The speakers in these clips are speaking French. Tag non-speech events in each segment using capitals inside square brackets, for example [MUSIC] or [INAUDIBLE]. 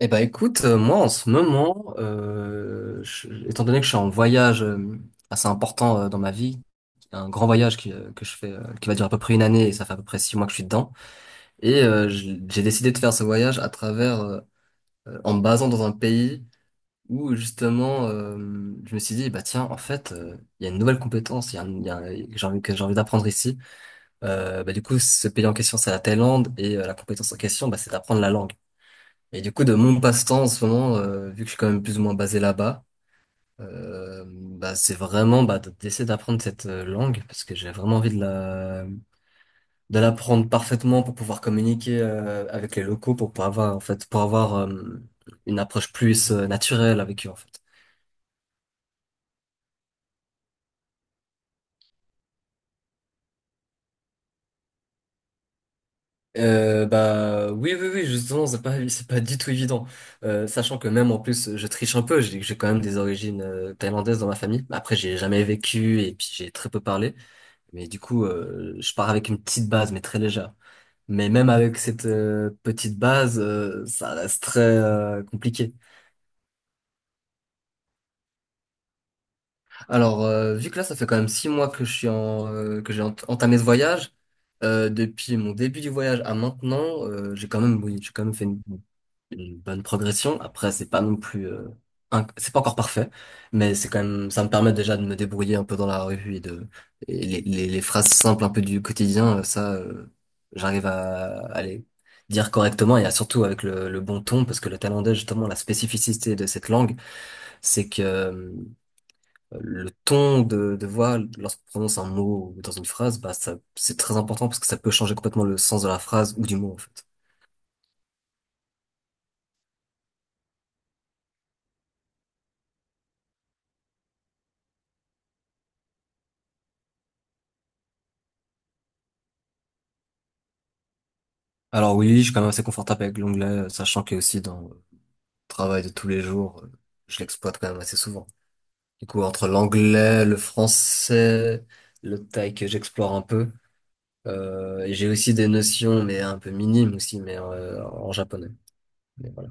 Eh ben écoute, moi en ce moment, étant donné que je suis en voyage assez important dans ma vie, un grand voyage que je fais, qui va durer à peu près une année et ça fait à peu près 6 mois que je suis dedans, et j'ai décidé de faire ce voyage à travers, en me basant dans un pays où justement, je me suis dit, bah tiens, en fait, il y a une nouvelle compétence, il y a, un- il y a un- que j'ai envie d'apprendre ici. Du coup, ce pays en question, c'est la Thaïlande, et la compétence en question, bah, c'est d'apprendre la langue. Et du coup, de mon passe-temps en ce moment, vu que je suis quand même plus ou moins basé là-bas, c'est vraiment d'essayer d'apprendre cette langue parce que j'ai vraiment envie de l'apprendre parfaitement pour pouvoir communiquer avec les locaux, pour pouvoir avoir en fait pour avoir une approche plus naturelle avec eux en fait. Bah oui oui oui justement c'est pas du tout évident. Sachant que même en plus je triche un peu, j'ai quand même des origines thaïlandaises dans ma famille, après j'ai jamais vécu et puis j'ai très peu parlé. Mais du coup, je pars avec une petite base, mais très légère. Mais même avec cette petite base, ça reste très compliqué. Alors, vu que là, ça fait quand même 6 mois que je suis en, que j'ai entamé ce voyage, depuis mon début du voyage à maintenant, j'ai quand même, oui, j'ai quand même fait une bonne progression. Après, c'est pas non plus, c'est pas encore parfait, mais c'est quand même, ça me permet déjà de me débrouiller un peu dans la revue, et et les phrases simples un peu du quotidien, j'arrive à les dire correctement et surtout avec le bon ton, parce que le thaïlandais, justement, la spécificité de cette langue, c'est que le ton de voix, lorsqu'on prononce un mot ou dans une phrase, bah, ça, c'est très important parce que ça peut changer complètement le sens de la phrase ou du mot, en fait. Alors oui, je suis quand même assez confortable avec l'onglet, sachant que aussi dans le travail de tous les jours, je l'exploite quand même assez souvent. Du coup, entre l'anglais, le français, le thaï que j'explore un peu, et j'ai aussi des notions, mais un peu minimes aussi, mais en japonais. Mais voilà.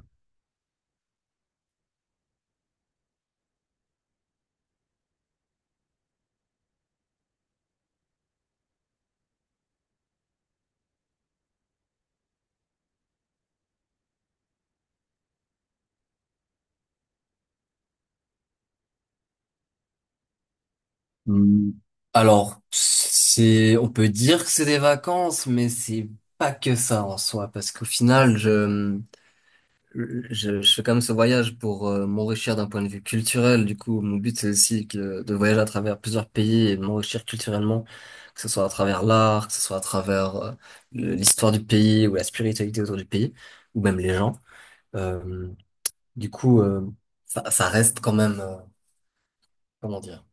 Hmm. Alors, c'est, on peut dire que c'est des vacances, mais c'est pas que ça en soi, parce qu'au final, je fais quand même ce voyage pour m'enrichir d'un point de vue culturel. Du coup, mon but, c'est aussi de voyager à travers plusieurs pays et m'enrichir culturellement, que ce soit à travers l'art, que ce soit à travers l'histoire du pays ou la spiritualité autour du pays, ou même les gens. Euh, du coup, euh, ça, ça reste quand même, comment dire?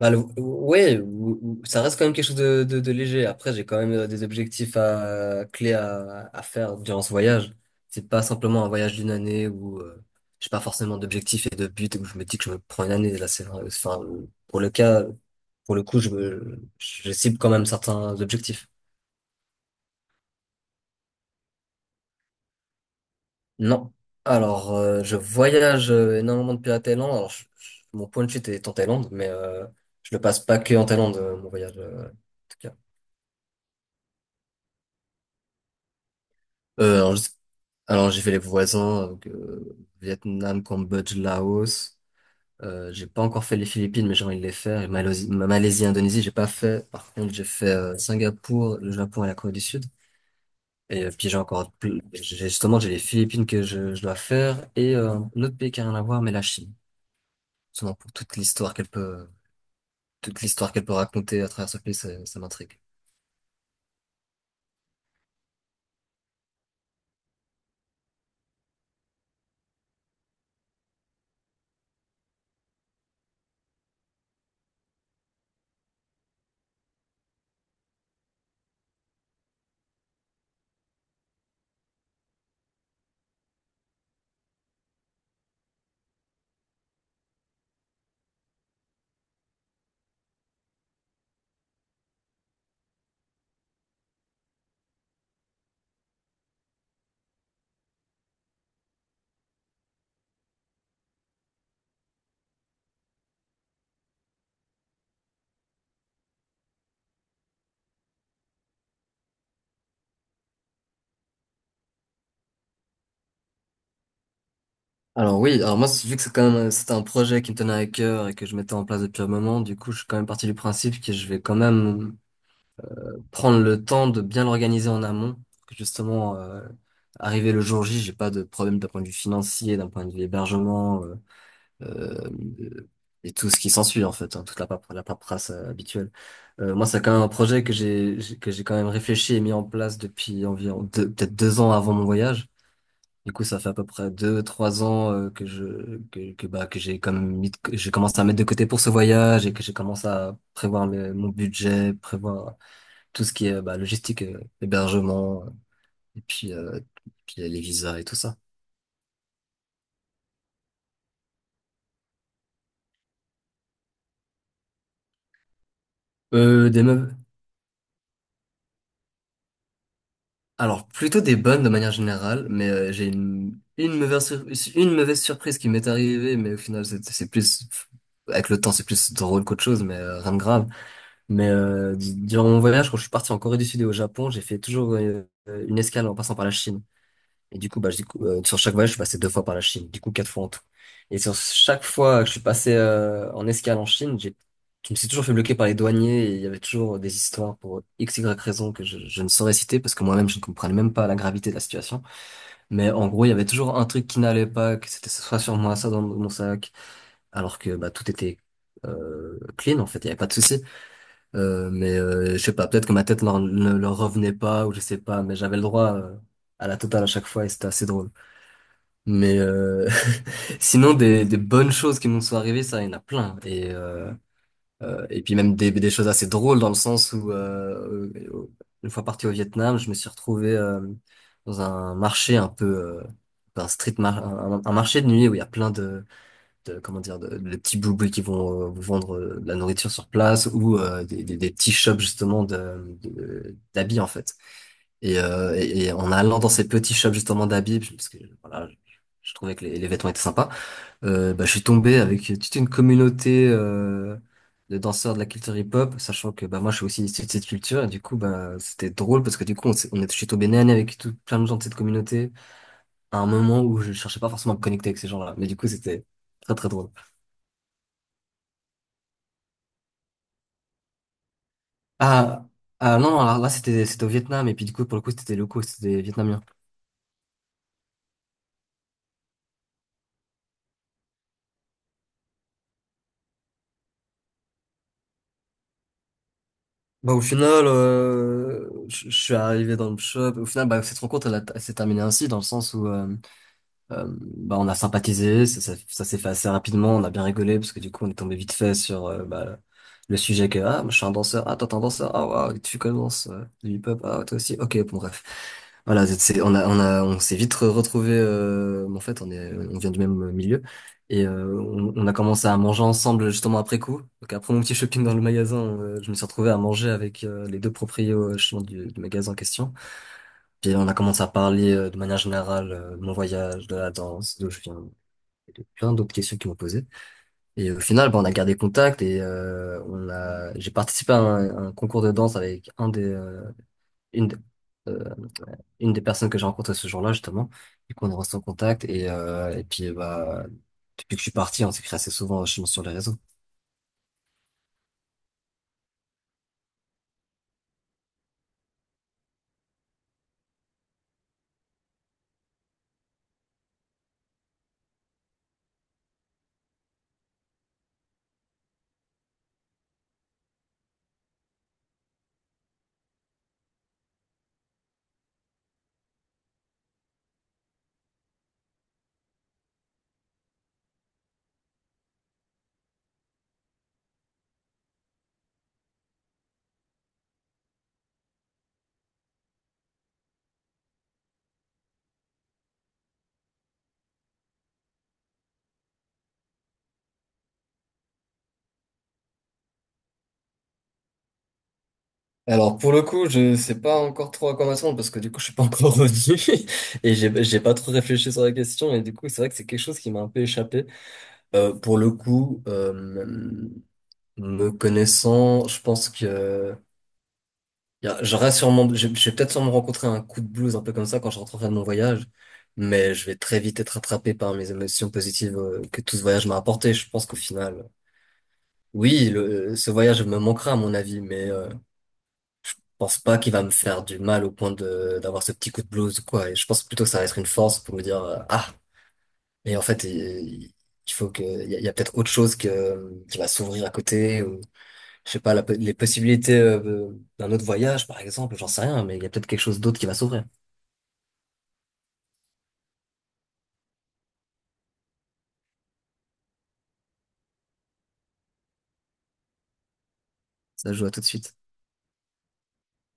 Bah, ouais, ça reste quand même quelque chose de léger. Après, j'ai quand même des objectifs clés à faire durant ce voyage. C'est pas simplement un voyage d'une année où j'ai pas forcément d'objectifs et de buts où je me dis que je me prends une année. Là, c'est vrai. Enfin, pour le cas, pour le coup, je cible quand même certains objectifs. Non. Alors, je voyage énormément depuis la Thaïlande. Alors, mon point de chute est en Thaïlande, mais je le passe pas que en Thaïlande, mon voyage, en tout cas. Euh, alors, je- alors, j'ai fait les voisins, donc, Vietnam, Cambodge, Laos. J'ai pas encore fait les Philippines, mais j'ai envie de les faire. Et Malaisie, Malaisie, Indonésie, j'ai pas fait. Par contre, j'ai fait Singapour, le Japon et la Corée du Sud. Et puis j'ai encore, justement, j'ai les Philippines je dois faire et un autre pays qui a rien à voir, mais la Chine. Justement, pour toute l'histoire qu'elle peut raconter à travers ce pays, ça m'intrigue. Alors oui, alors moi, vu que c'est quand même, c'était un projet qui me tenait à cœur et que je mettais en place depuis un moment, du coup, je suis quand même parti du principe que je vais quand même prendre le temps de bien l'organiser en amont, que justement, arrivé le jour J, j'ai pas de problème d'un point de vue financier, d'un point de vue hébergement, euh, euh, et tout ce qui s'ensuit en fait, hein, toute la la paperasse habituelle. Moi, c'est quand même un projet que j'ai quand même réfléchi et mis en place depuis environ peut-être 2 ans avant mon voyage. Du coup, ça fait à peu près 2, 3 ans que bah que j'ai commencé à mettre de côté pour ce voyage et que j'ai commencé à prévoir mon budget, prévoir tout ce qui est bah, logistique, hébergement et puis, puis les visas et tout ça. Des meufs. Alors plutôt des bonnes de manière générale, mais j'ai une une mauvaise surprise qui m'est arrivée, mais au final c'est plus avec le temps, c'est plus drôle qu'autre chose, mais rien de grave. Mais durant mon voyage, quand je suis parti en Corée du Sud et au Japon, j'ai fait toujours une escale en passant par la Chine. Et du coup, sur chaque voyage, je suis passé 2 fois par la Chine, du coup 4 fois en tout. Et sur chaque fois que je suis passé en escale en Chine, je me suis toujours fait bloquer par les douaniers et il y avait toujours des histoires pour x, y raison je ne saurais citer parce que moi-même, je ne comprenais même pas la gravité de la situation. Mais en gros, il y avait toujours un truc qui n'allait pas, que c'était soit sur moi, soit dans mon sac, alors que bah, tout était clean en fait, il n'y avait pas de souci. Je sais pas, peut-être que ma ne leur revenait pas ou je sais pas, mais j'avais le droit à la totale à chaque fois et c'était assez drôle. Mais euh, [LAUGHS] sinon des bonnes choses qui nous sont arrivées, ça il y en a plein et puis même des choses assez drôles dans le sens où une fois parti au Vietnam, je me suis retrouvé dans un marché un peu un marché de nuit où il y a plein de comment dire, de petits boubouis qui vont vous vendre de la nourriture sur place ou des petits shops justement d'habits en fait. Et, et en allant dans ces petits shops justement d'habits, parce que voilà, je trouvais que les vêtements étaient sympas, je suis tombé avec toute une communauté de danseurs de la culture hip-hop, sachant que bah, moi je suis aussi issu de cette culture, et du coup bah, c'était drôle parce que du coup on, s'est- on est, je suis tombé nez à nez avec tout, plein de gens de cette communauté à un moment où je cherchais pas forcément à me connecter avec ces gens-là, mais du coup c'était très très drôle. Ah, ah non, alors là c'était au Vietnam et puis du coup pour le coup c'était des locaux, c'était des vietnamiens. Bah au final, je suis arrivé dans le shop. Au final, bah cette rencontre elle s'est terminée ainsi dans le sens où Euh, on a sympathisé, ça s'est fait assez rapidement, on a bien rigolé parce que du coup on est tombé vite fait sur le sujet que ah moi, je suis un danseur, ah toi t'es un danseur, ah waouh tu commences du hip-hop, ah toi aussi, ok bon bref. Voilà, on a on s'est vite retrouvé en fait, on est on vient du même milieu et on a commencé à manger ensemble justement après coup. Donc après mon petit shopping dans le magasin, je me suis retrouvé à manger avec les 2 proprios justement, du magasin en question. Puis on a commencé à parler de manière générale de mon voyage, de la danse, d'où je viens, et de plein d'autres questions qu'ils m'ont posées. Et au final, bah, on a gardé contact et j'ai participé à un concours de danse avec un des, une, de- euh, une des personnes que j'ai rencontrées ce jour-là justement. Du coup, on est en contact et puis bah depuis que je suis parti, on s'écrit assez souvent justement sur les réseaux. Alors pour le coup, je sais pas encore trop à quoi m'attendre parce que du coup, je suis pas encore revenu [LAUGHS] et j'ai pas trop réfléchi sur la question et du coup, c'est vrai que c'est quelque chose qui m'a un peu échappé. Euh, pour le coup, euh, me connaissant, je pense que j'aurais sûrement, je vais peut-être sûrement rencontrer un coup de blues un peu comme ça quand je rentrerai de mon voyage, mais je vais très vite être attrapé par mes émotions positives que tout ce voyage m'a apporté. Je pense qu'au final, oui, ce voyage me manquera à mon avis, mais je pense pas qu'il va me faire du mal au point de d'avoir ce petit coup de blues ou quoi. Et je pense plutôt que ça va être une force pour me dire ah, mais en fait, il faut que il y a peut-être autre chose que qui va s'ouvrir à côté. Je sais pas, les possibilités d'un autre voyage, par exemple, j'en sais rien, mais il y a peut-être quelque chose d'autre qui va s'ouvrir. Ça je joue à tout de suite.